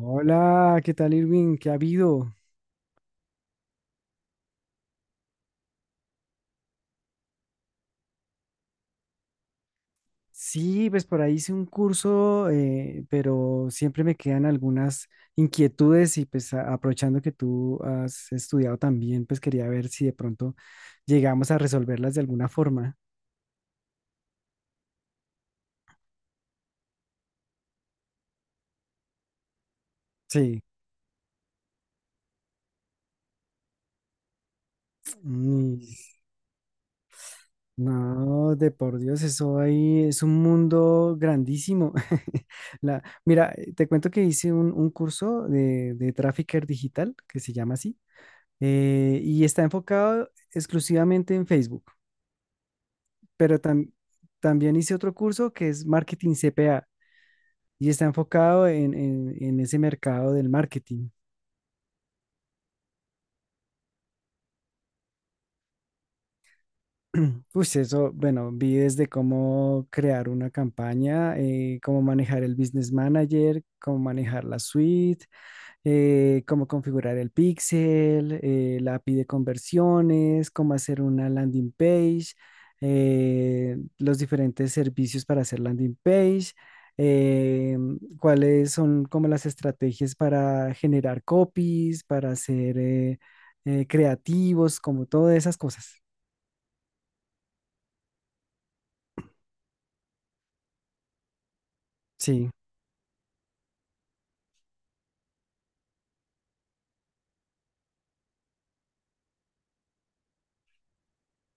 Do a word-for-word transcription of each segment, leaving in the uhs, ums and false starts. Hola, ¿qué tal Irving? ¿Qué ha habido? Sí, pues por ahí hice un curso, eh, pero siempre me quedan algunas inquietudes y pues a- aprovechando que tú has estudiado también, pues quería ver si de pronto llegamos a resolverlas de alguna forma. Sí. Mm, No, de por Dios, eso ahí es un mundo grandísimo. La, mira, te cuento que hice un, un curso de, de Trafficker Digital, que se llama así. Eh, y está enfocado exclusivamente en Facebook, pero tam- también hice otro curso que es marketing C P A y está enfocado en, en- en ese mercado del marketing. Pues eso, bueno, vi desde cómo crear una campaña, eh, cómo manejar el business manager, cómo manejar la suite, eh, cómo configurar el pixel, eh, la A P I de conversiones, cómo hacer una landing page, eh, los diferentes servicios para hacer landing page, eh, cuáles son como las estrategias para generar copies, para ser eh, eh, creativos, como todas esas cosas. Sí,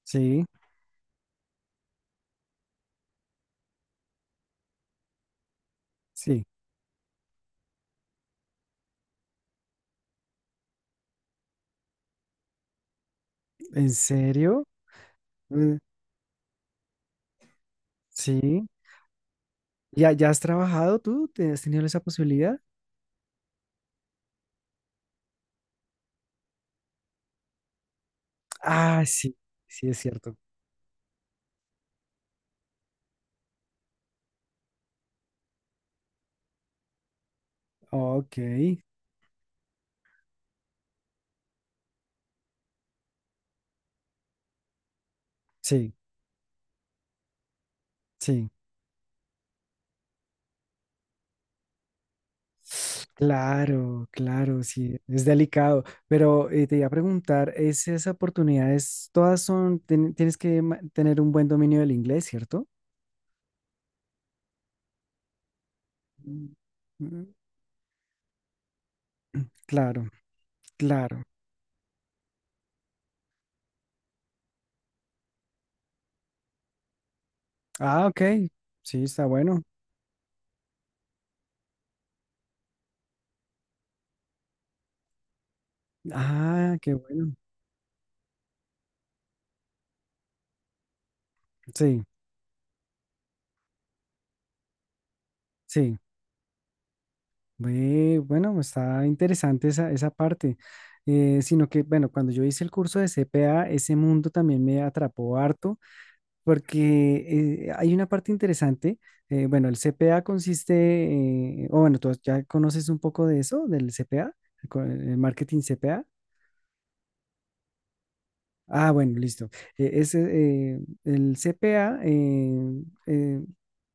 sí, sí. ¿En serio? Mm, Sí. ¿Ya, ya has trabajado tú? ¿Te- ¿Has tenido esa posibilidad? Ah, sí, sí, es cierto. Ok, sí, sí. Claro, claro, sí, es delicado. Pero eh, te iba a preguntar, ¿es esas oportunidades, todas son, ten- tienes que ma- tener un buen dominio del inglés, ¿cierto? Mm. Mm, Claro, claro. Ah, ok, sí, está bueno. Ah, qué bueno. Sí, sí. Ve, Bueno, está interesante esa, esa parte. Eh, sino que, bueno, cuando yo hice el curso de C P A, ese mundo también me atrapó harto porque eh, hay una parte interesante. eh, bueno, el C P A consiste, eh, o bueno, tú ya conoces un poco de eso, del C P A, co- el marketing C P A. Ah, bueno, listo. Eh, ese, eh, el C P A, eh, eh,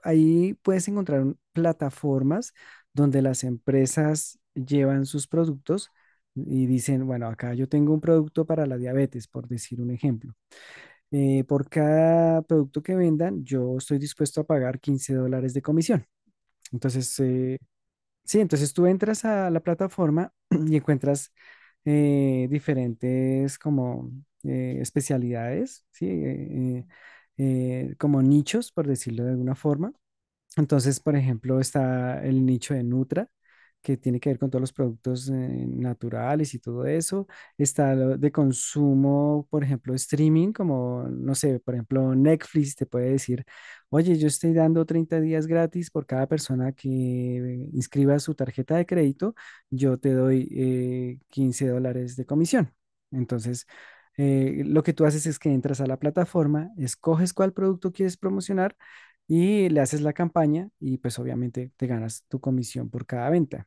ahí puedes encontrar un- plataformas donde las empresas llevan sus productos y dicen, bueno, acá yo tengo un producto para la diabetes, por decir un ejemplo. eh, por cada producto que vendan, yo estoy dispuesto a pagar quince dólares de comisión. Entonces, eh, sí, entonces tú entras a la plataforma y encuentras eh, diferentes como eh, especialidades, ¿sí? Eh, eh, eh, como nichos, por decirlo de alguna forma. Entonces, por ejemplo, está el nicho de Nutra, que tiene que ver con todos los productos eh, naturales y todo eso. Está lo de consumo, por ejemplo, streaming, como, no sé, por ejemplo, Netflix te puede decir, oye, yo estoy dando treinta días gratis por cada persona que inscriba su tarjeta de crédito, yo te doy eh, quince dólares de comisión. Entonces, eh, lo que tú haces es que entras a la plataforma, escoges cuál producto quieres promocionar y le haces la campaña y pues obviamente te ganas tu comisión por cada venta.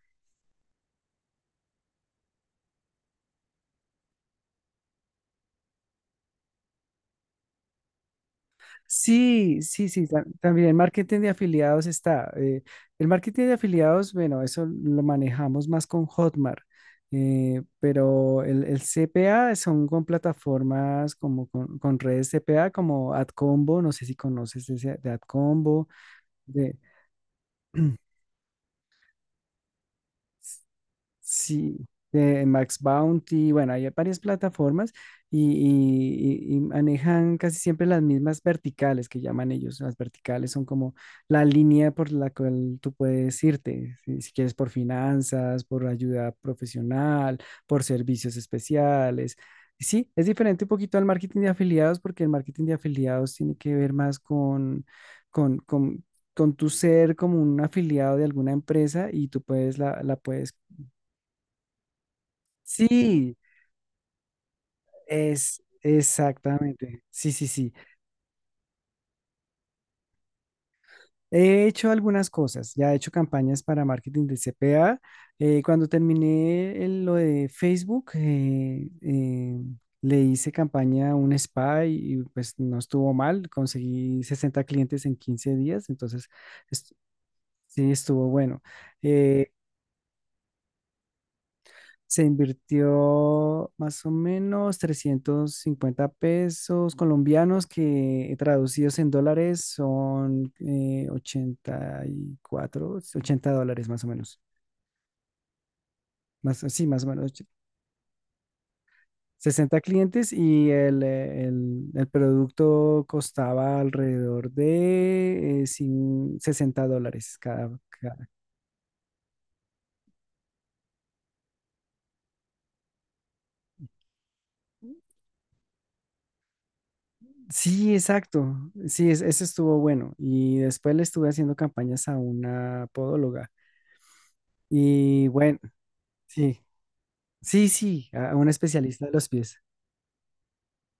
Sí, sí, sí, ta- también el marketing de afiliados está. eh, el marketing de afiliados, bueno, eso lo manejamos más con Hotmart, eh, pero el, el C P A son con plataformas como con, con redes C P A como AdCombo, no sé si conoces ese de AdCombo, de, Sí, de Max Bounty, bueno, hay varias plataformas y, y- y- y manejan casi siempre las mismas verticales que llaman ellos. Las verticales son como la línea por la cual tú puedes irte, si, si quieres por finanzas, por ayuda profesional, por servicios especiales. Sí, es diferente un poquito al marketing de afiliados porque el marketing de afiliados tiene que ver más con, con, con, con tu ser como un afiliado de alguna empresa y tú puedes la, la puedes. Sí, es exactamente. Sí, sí, sí. He hecho algunas cosas. Ya he hecho campañas para marketing de C CPA. Eh, cuando terminé el- lo de Facebook, eh, eh, le hice campaña a un spa y, y, pues no estuvo mal. Conseguí sesenta clientes en quince días. Entonces, est- sí, estuvo bueno. Eh, Se invirtió más o menos trescientos cincuenta pesos colombianos que traducidos en dólares son eh, ochenta y cuatro ochenta dólares más o menos. Más, sí, más o menos. och- sesenta clientes y el, eh, el- el producto costaba alrededor de eh, cin- sesenta dólares cada, cada- Sí, exacto. Sí, es- ese estuvo bueno. Y después le estuve haciendo campañas a una podóloga. Y bueno, sí, sí, sí, a a un especialista de los pies.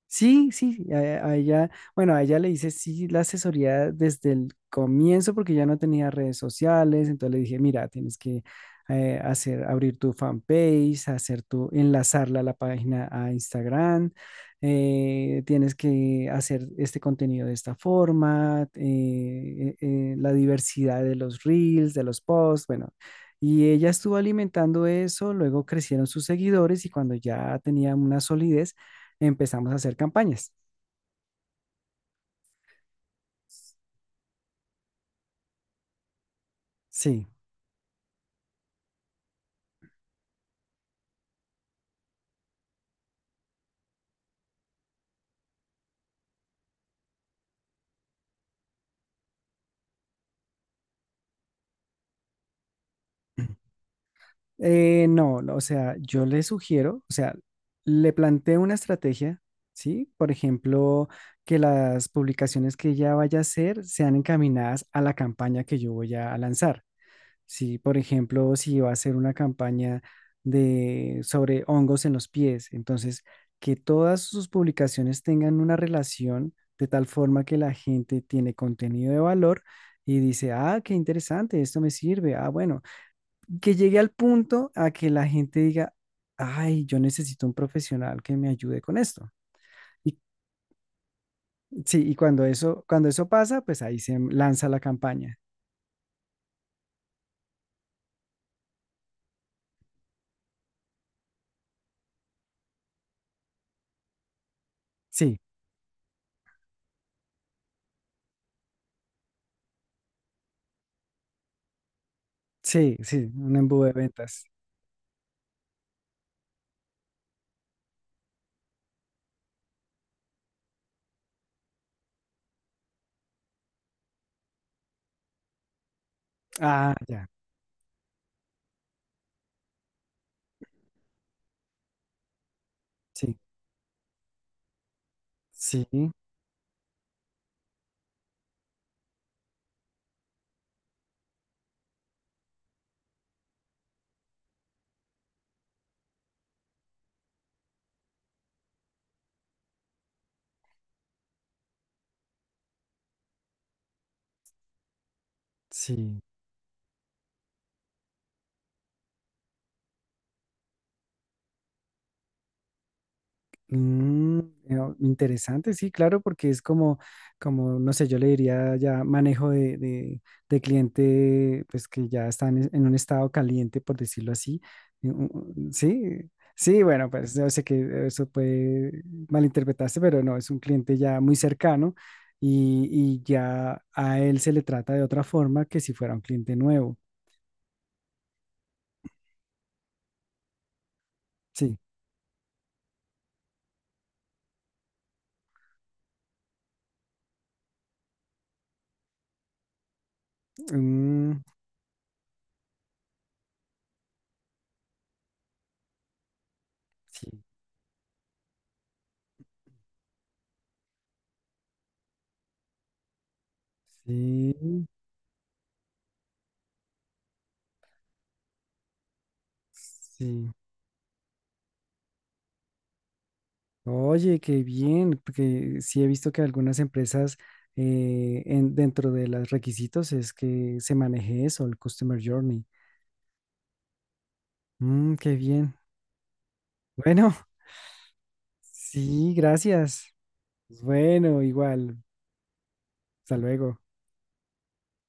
Sí, sí, a, a ella, bueno, a ella le hice sí la asesoría desde el comienzo porque ya no tenía redes sociales, entonces le dije, mira, tienes que eh, hacer, abrir tu fanpage, hacer tu, enlazarla a la página a Instagram, eh, tienes que hacer este contenido de esta forma, eh, eh, eh, la diversidad de los reels, de los posts, bueno. Y ella estuvo alimentando eso, luego crecieron sus seguidores y cuando ya tenía una solidez, empezamos a hacer campañas. Sí, Eh, no, no, o sea, yo le sugiero, o sea, le planteo una estrategia, ¿sí? Por ejemplo, que las publicaciones que ella vaya a hacer sean encaminadas a la campaña que yo voy a lanzar. Sí, por ejemplo, si va a hacer una campaña de, sobre hongos en los pies, entonces que todas sus publicaciones tengan una relación de tal forma que la gente tiene contenido de valor y dice, ah, qué interesante, esto me sirve, ah, bueno, que llegue al punto a que la gente diga, ay, yo necesito un profesional que me ayude con esto. Y sí, y cuando eso, cuando eso pasa, pues ahí se lanza la campaña. Sí, sí, sí, un embudo de ventas. Ah, ya, sí. Sí, sí. Mm, eh, o- interesante, sí, claro, porque es como, como, no sé, yo le diría ya manejo de, de, de cliente, pues que ya están en en un estado caliente, por decirlo así. Eh, mm, mm, sí, sí, bueno, pues yo sé que eso puede malinterpretarse, pero no, es un cliente ya muy cercano y, y ya a él se le trata de otra forma que si fuera un cliente nuevo. Sí, mm, sí, sí, sí. Oye, qué bien, porque sí he visto que algunas empresas eh, en- dentro de los requisitos es que se maneje eso, el Customer Journey. Mm, qué bien. Bueno, sí, gracias. Bueno, igual. Hasta luego.